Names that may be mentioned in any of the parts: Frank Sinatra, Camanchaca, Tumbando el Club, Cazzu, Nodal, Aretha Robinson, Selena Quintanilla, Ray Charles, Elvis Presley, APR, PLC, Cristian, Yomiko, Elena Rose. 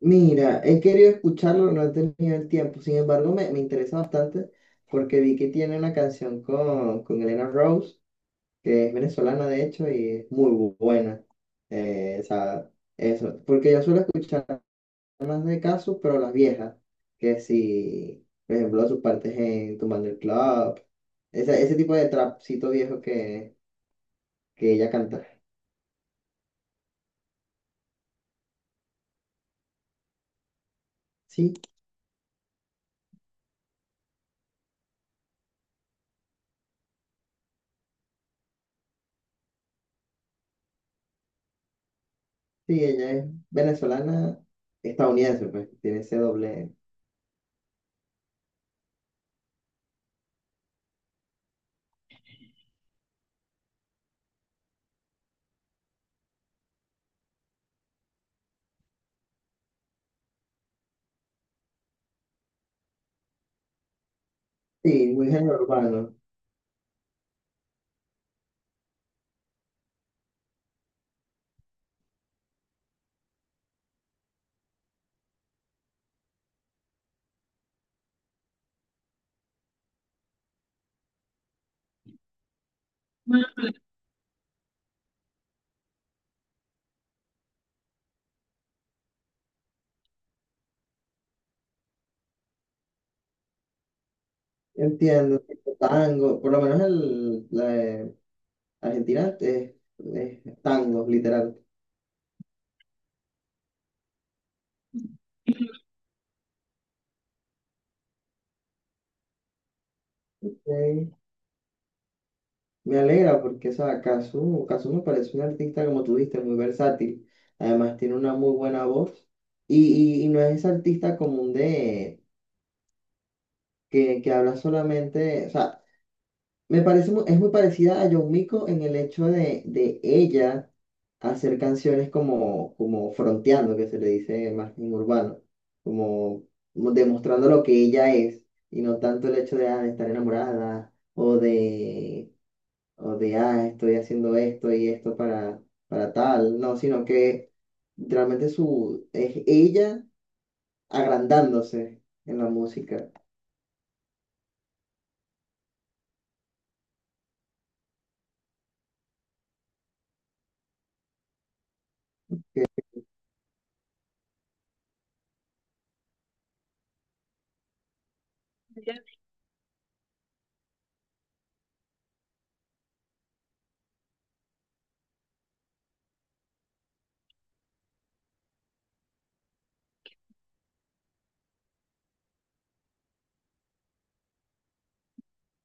Mira, he querido escucharlo, no he tenido el tiempo. Sin embargo, me interesa bastante porque vi que tiene una canción con Elena Rose, que es venezolana de hecho y es muy buena. O sea, eso. Porque yo suelo escuchar más de casos, pero las viejas, que si, por ejemplo, sus partes en Tumbando el Club, ese tipo de trapcito viejo que ella canta. Sí, sí, ella es venezolana, estadounidense, pues, tiene ese doble. Sí, muy género urbano. Entiendo. Tipo tango, por lo menos la de Argentina es tango, literal. Ok. Me alegra porque esa Cazzu, Cazzu me parece un artista, como tú dijiste, muy versátil. Además, tiene una muy buena voz. Y no es ese artista común de que habla solamente. O sea, me parece, es muy parecida a Yomiko en el hecho de ella hacer canciones como, como fronteando, que se le dice más en urbano, como demostrando lo que ella es y no tanto el hecho de, de estar enamorada o de, estoy haciendo esto y esto para tal, no, sino que realmente su, es ella agrandándose en la música.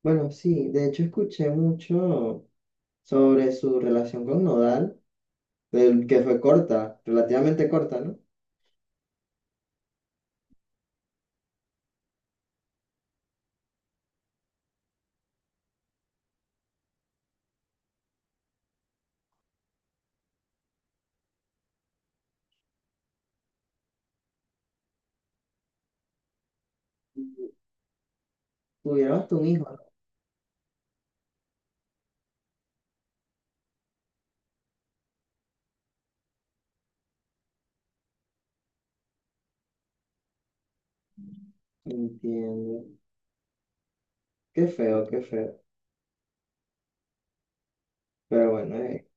Bueno, sí, de hecho escuché mucho sobre su relación con Nodal, del que fue corta, relativamente corta, ¿no? Tuvieron hasta un hijo. Entiendo. Qué feo, qué feo. Pero bueno,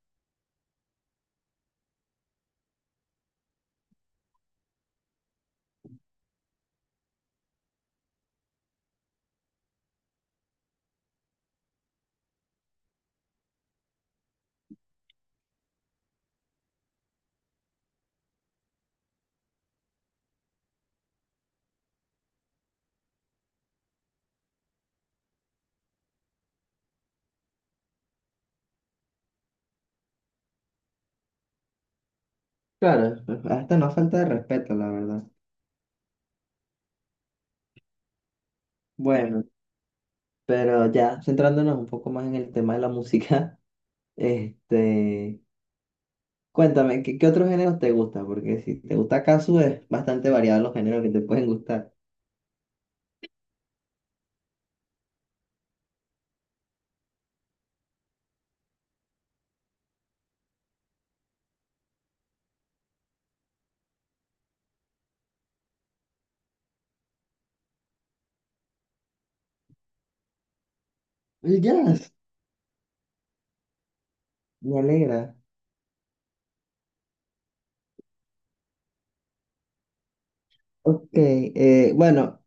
claro, hasta no falta de respeto, la verdad. Bueno, pero ya centrándonos un poco más en el tema de la música, este, cuéntame, ¿qué, qué otros géneros te gusta? Porque si te gusta Casu, es bastante variado los géneros que te pueden gustar. El jazz, me alegra. Ok, bueno,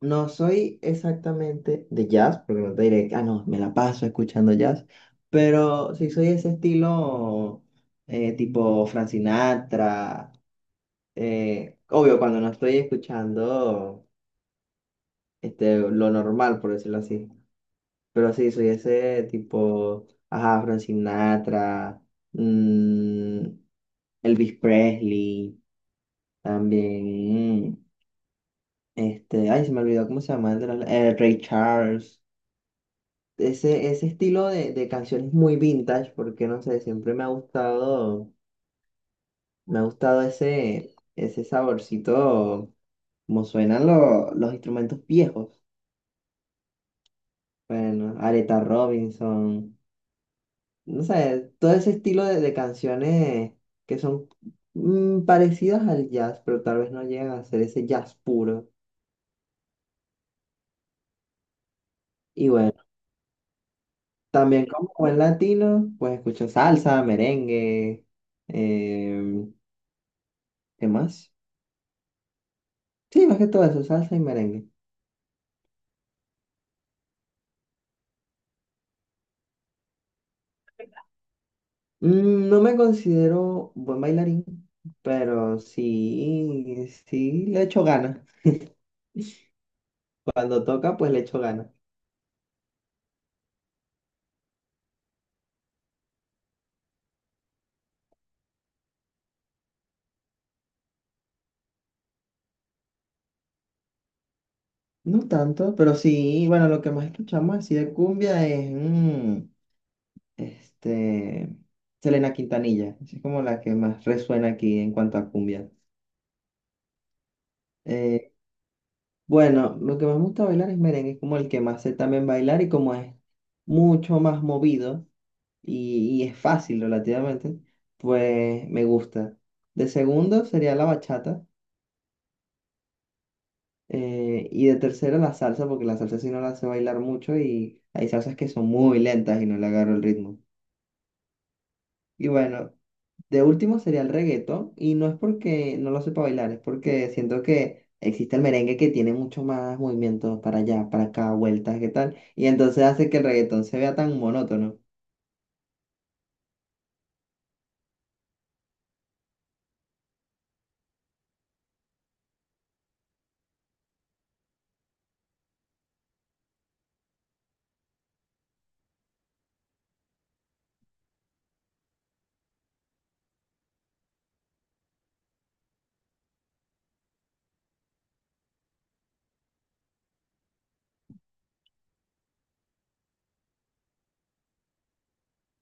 no soy exactamente de jazz, porque no te diré, ah, no, me la paso escuchando jazz, pero sí soy ese estilo tipo Frank Sinatra, obvio cuando no estoy escuchando lo normal, por decirlo así, pero sí soy ese tipo, ajá, Frank Sinatra, mm, Elvis Presley, también, ay, se me olvidó cómo se llama, Ray Charles. Ese estilo de canciones muy vintage, porque no sé, siempre me ha gustado ese, ese saborcito, como suenan los instrumentos viejos. Bueno, Aretha Robinson, no sé, todo ese estilo de canciones que son parecidas al jazz, pero tal vez no llegan a ser ese jazz puro. Y bueno, también como buen latino, pues escucho salsa, merengue, eh, ¿qué más? Sí, más que todo eso, salsa y merengue. Mm, no me considero buen bailarín, pero sí, sí le echo ganas. Cuando toca, pues le echo ganas. No tanto, pero sí, bueno, lo que más escuchamos así de cumbia es este, Selena Quintanilla. Así es como la que más resuena aquí en cuanto a cumbia. Eh, bueno, lo que más me gusta bailar es merengue, es como el que más sé también bailar y como es mucho más movido. Y y es fácil relativamente, pues me gusta. De segundo sería la bachata y de tercero la salsa, porque la salsa sí no la sé bailar mucho y hay salsas que son muy lentas y no le agarro el ritmo. Y bueno, de último sería el reggaetón y no es porque no lo sepa bailar, es porque siento que existe el merengue que tiene mucho más movimientos para allá, para acá, vueltas, qué tal, y entonces hace que el reggaetón se vea tan monótono.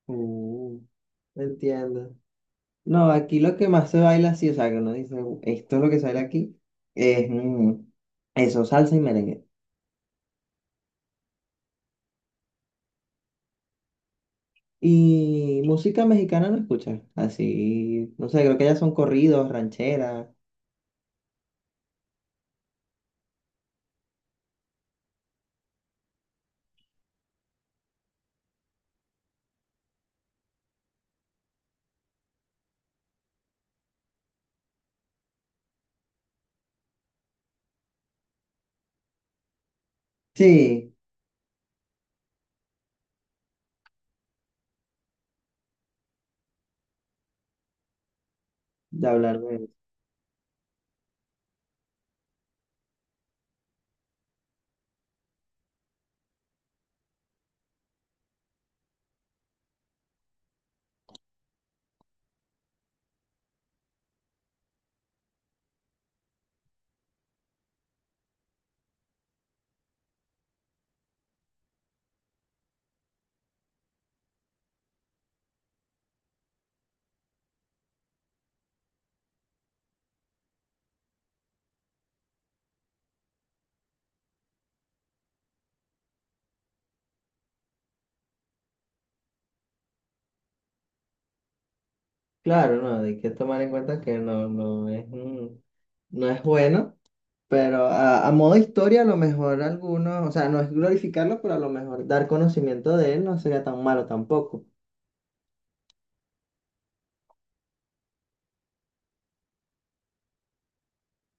Uh, entiendo. No, aquí lo que más se baila, sí, o sea, que uno dice, esto es lo que se baila aquí, es eso, salsa y merengue. Y música mexicana no escuchas, así, no sé, creo que ya son corridos, rancheras. Sí, de hablar de eso. Claro, no, hay que tomar en cuenta que no, no es, no es bueno, pero a modo historia, a lo mejor algunos, o sea, no es glorificarlo, pero a lo mejor dar conocimiento de él no sería tan malo tampoco.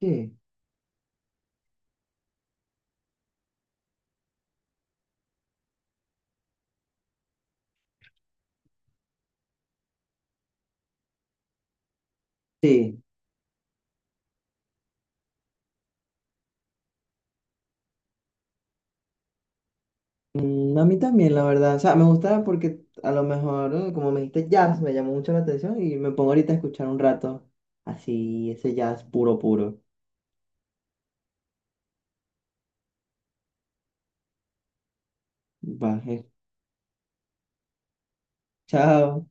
Sí. Sí. Mm, a mí también, la verdad. O sea, me gusta porque a lo mejor, como me dijiste jazz, me llamó mucho la atención y me pongo ahorita a escuchar un rato así, ese jazz puro, puro. Baje. Chao.